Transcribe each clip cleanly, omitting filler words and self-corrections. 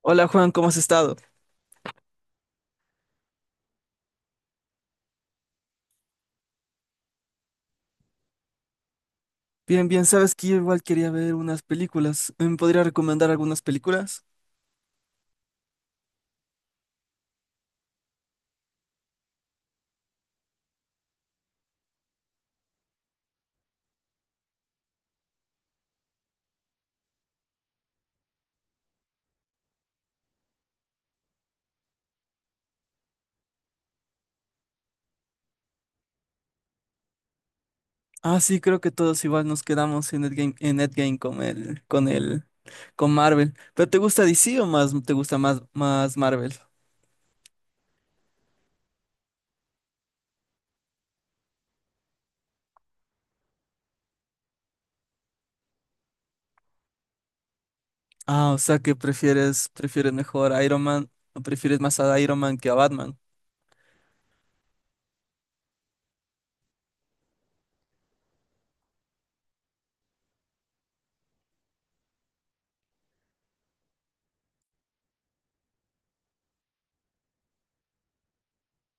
Hola Juan, ¿cómo has estado? Bien, bien, sabes que yo igual quería ver unas películas. ¿Me podría recomendar algunas películas? Ah, sí, creo que todos igual nos quedamos en Endgame con el con Marvel. ¿Pero te gusta DC o más te gusta más Marvel? Ah, o sea que prefieres mejor a Iron Man, o prefieres más a Iron Man que a Batman.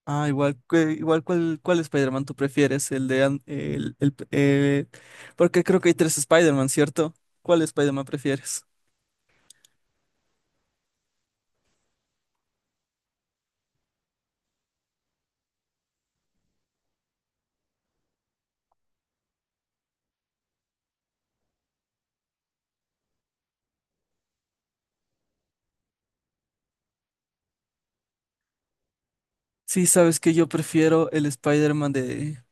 Ah, igual, ¿cuál Spider-Man tú prefieres? El de An- el- Porque creo que hay tres Spider-Man, ¿cierto? ¿Cuál Spider-Man prefieres? Sí, sabes que yo prefiero el Spider-Man de,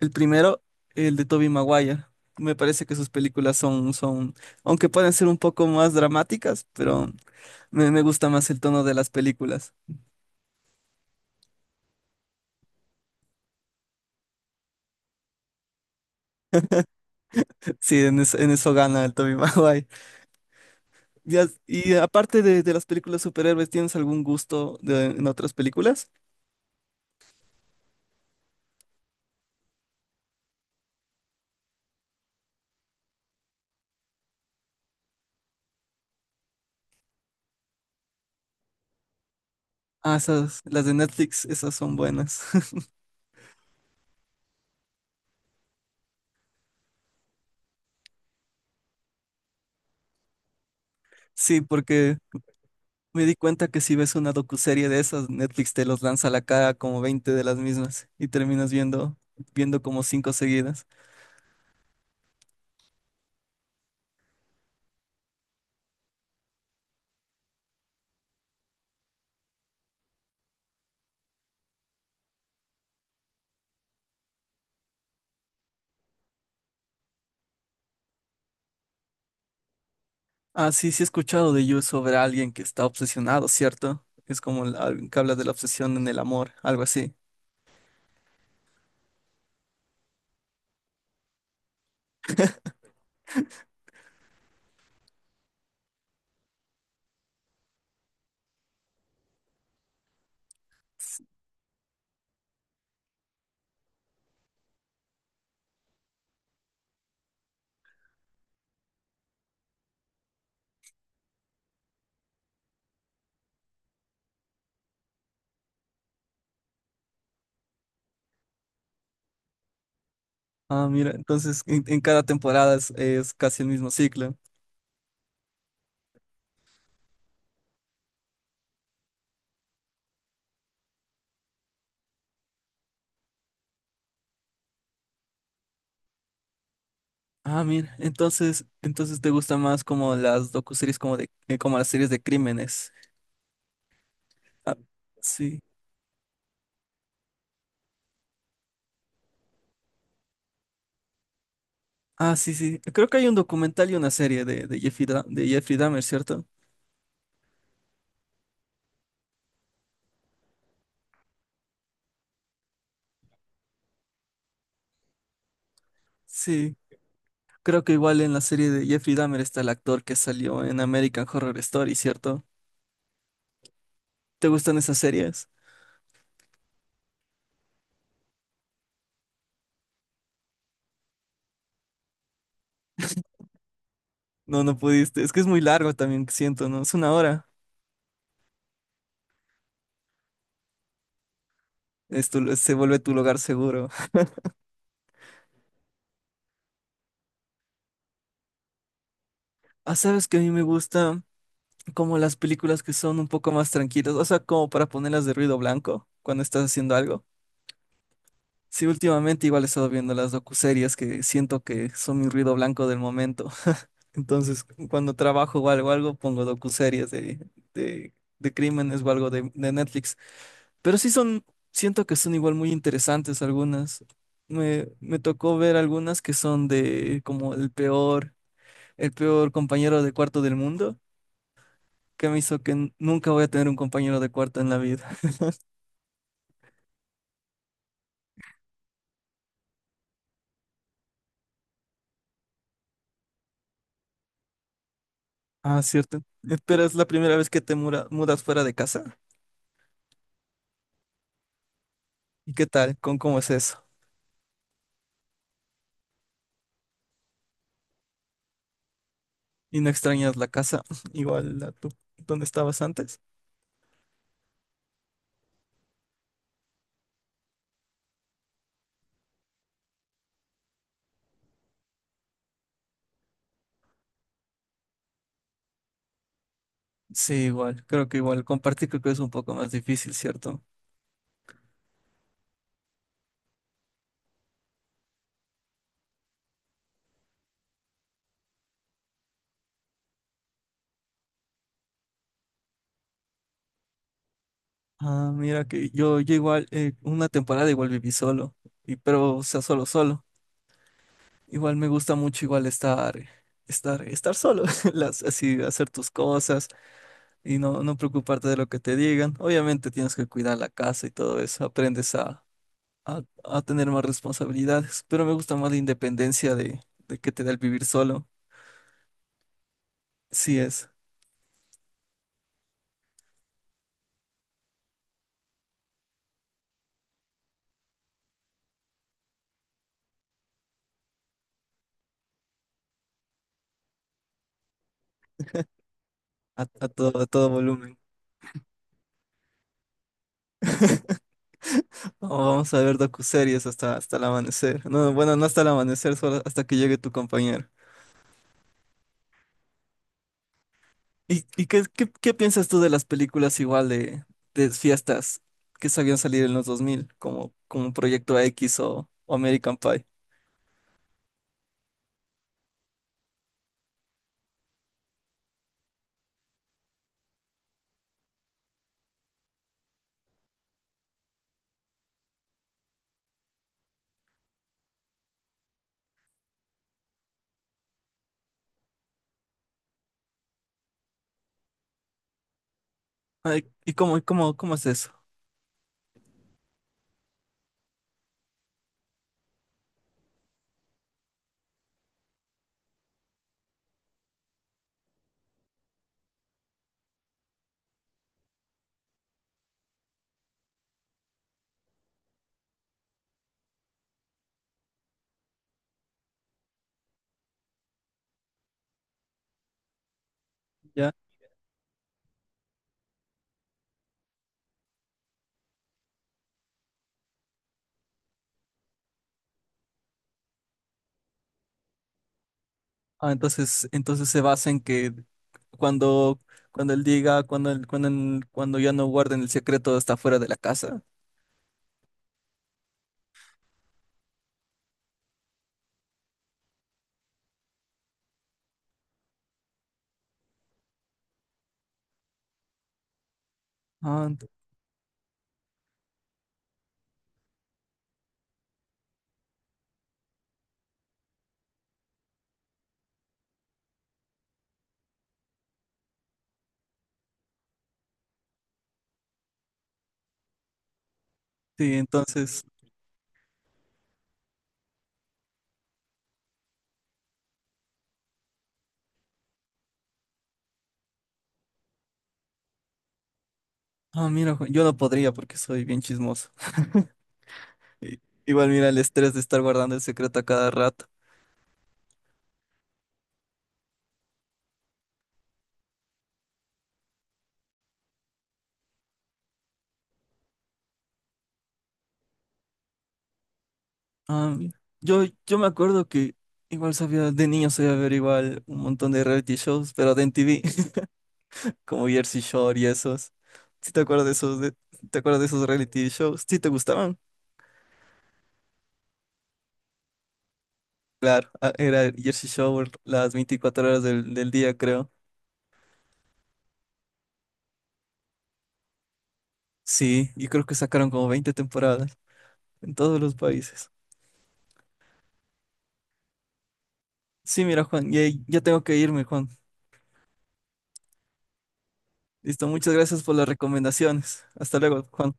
el primero, el de Tobey Maguire. Me parece que sus películas son, aunque pueden ser un poco más dramáticas, pero me gusta más el tono de las películas. Sí, en eso gana el Tobey Maguire. Y aparte de las películas superhéroes, ¿tienes algún en otras películas? Ah, esas, las de Netflix, esas son buenas. Sí, porque me di cuenta que si ves una docuserie de esas, Netflix te los lanza a la cara como 20 de las mismas y terminas viendo como cinco seguidas. Ah, sí, sí he escuchado de You sobre alguien que está obsesionado, ¿cierto? Es como alguien que habla de la obsesión en el amor, algo así. Ah, mira, entonces en cada temporada es casi el mismo ciclo. Ah, mira, entonces te gustan más como las docuseries como de, como las series de crímenes. Ah, sí. Ah, sí, sí. Creo que hay un documental y una serie de de Jeffrey Dahmer, ¿cierto? Sí. Creo que igual en la serie de Jeffrey Dahmer está el actor que salió en American Horror Story, ¿cierto? ¿Te gustan esas series? No, no pudiste. Es que es muy largo también, siento, ¿no? Es una hora. Se vuelve tu lugar seguro. Ah, sabes que a mí me gusta como las películas que son un poco más tranquilas, o sea, como para ponerlas de ruido blanco cuando estás haciendo algo. Sí, últimamente igual he estado viendo las docuseries que siento que son mi ruido blanco del momento. Entonces, cuando trabajo o algo, algo pongo docuseries de, de, crímenes o algo de Netflix. Pero sí son, siento que son igual muy interesantes algunas. Me tocó ver algunas que son de como el peor compañero de cuarto del mundo, que me hizo que nunca voy a tener un compañero de cuarto en la vida. Ah, cierto. Pero es la primera vez que mudas fuera de casa. ¿Y qué tal? ¿Con Cómo es eso? ¿Y no extrañas la casa igual a tu, donde estabas antes? Sí, igual, creo que igual compartir creo que es un poco más difícil, ¿cierto? Ah, mira que yo igual, una temporada igual viví solo, y, pero o sea, solo, solo. Igual me gusta mucho igual estar solo, las, así hacer tus cosas y no preocuparte de lo que te digan. Obviamente tienes que cuidar la casa y todo eso, aprendes a tener más responsabilidades, pero me gusta más la independencia de que te da el vivir solo. Sí es, a todo volumen. Oh, vamos a ver docuseries hasta el amanecer. No, bueno, no hasta el amanecer, solo hasta que llegue tu compañero. Y qué piensas tú de las películas igual de fiestas que sabían salir en los 2000 como, como Proyecto X o American Pie? Ay, ¿y cómo es eso? ¿Ya? Ah, entonces se basa en que cuando, cuando él diga, cuando, él- cuando, él- cuando ya no guarden el secreto está fuera de la casa. Ah, ent- sí, entonces... Ah, mira, Juan, yo no podría porque soy bien chismoso. I- Igual mira el estrés de estar guardando el secreto a cada rato. Ah, mira. Yo me acuerdo que igual sabía, de niño sabía ver igual un montón de reality shows, pero de MTV, como Jersey Shore y esos. ¿Sí te acuerdas de esos, de- Te acuerdas de esos reality shows? ¿Sí te gustaban? Claro, ah, era el Jersey Shore las 24 horas del día, creo. Sí, y creo que sacaron como 20 temporadas en todos los países. Sí, mira, ya tengo que irme, Juan. Listo, muchas gracias por las recomendaciones. Hasta luego, Juan.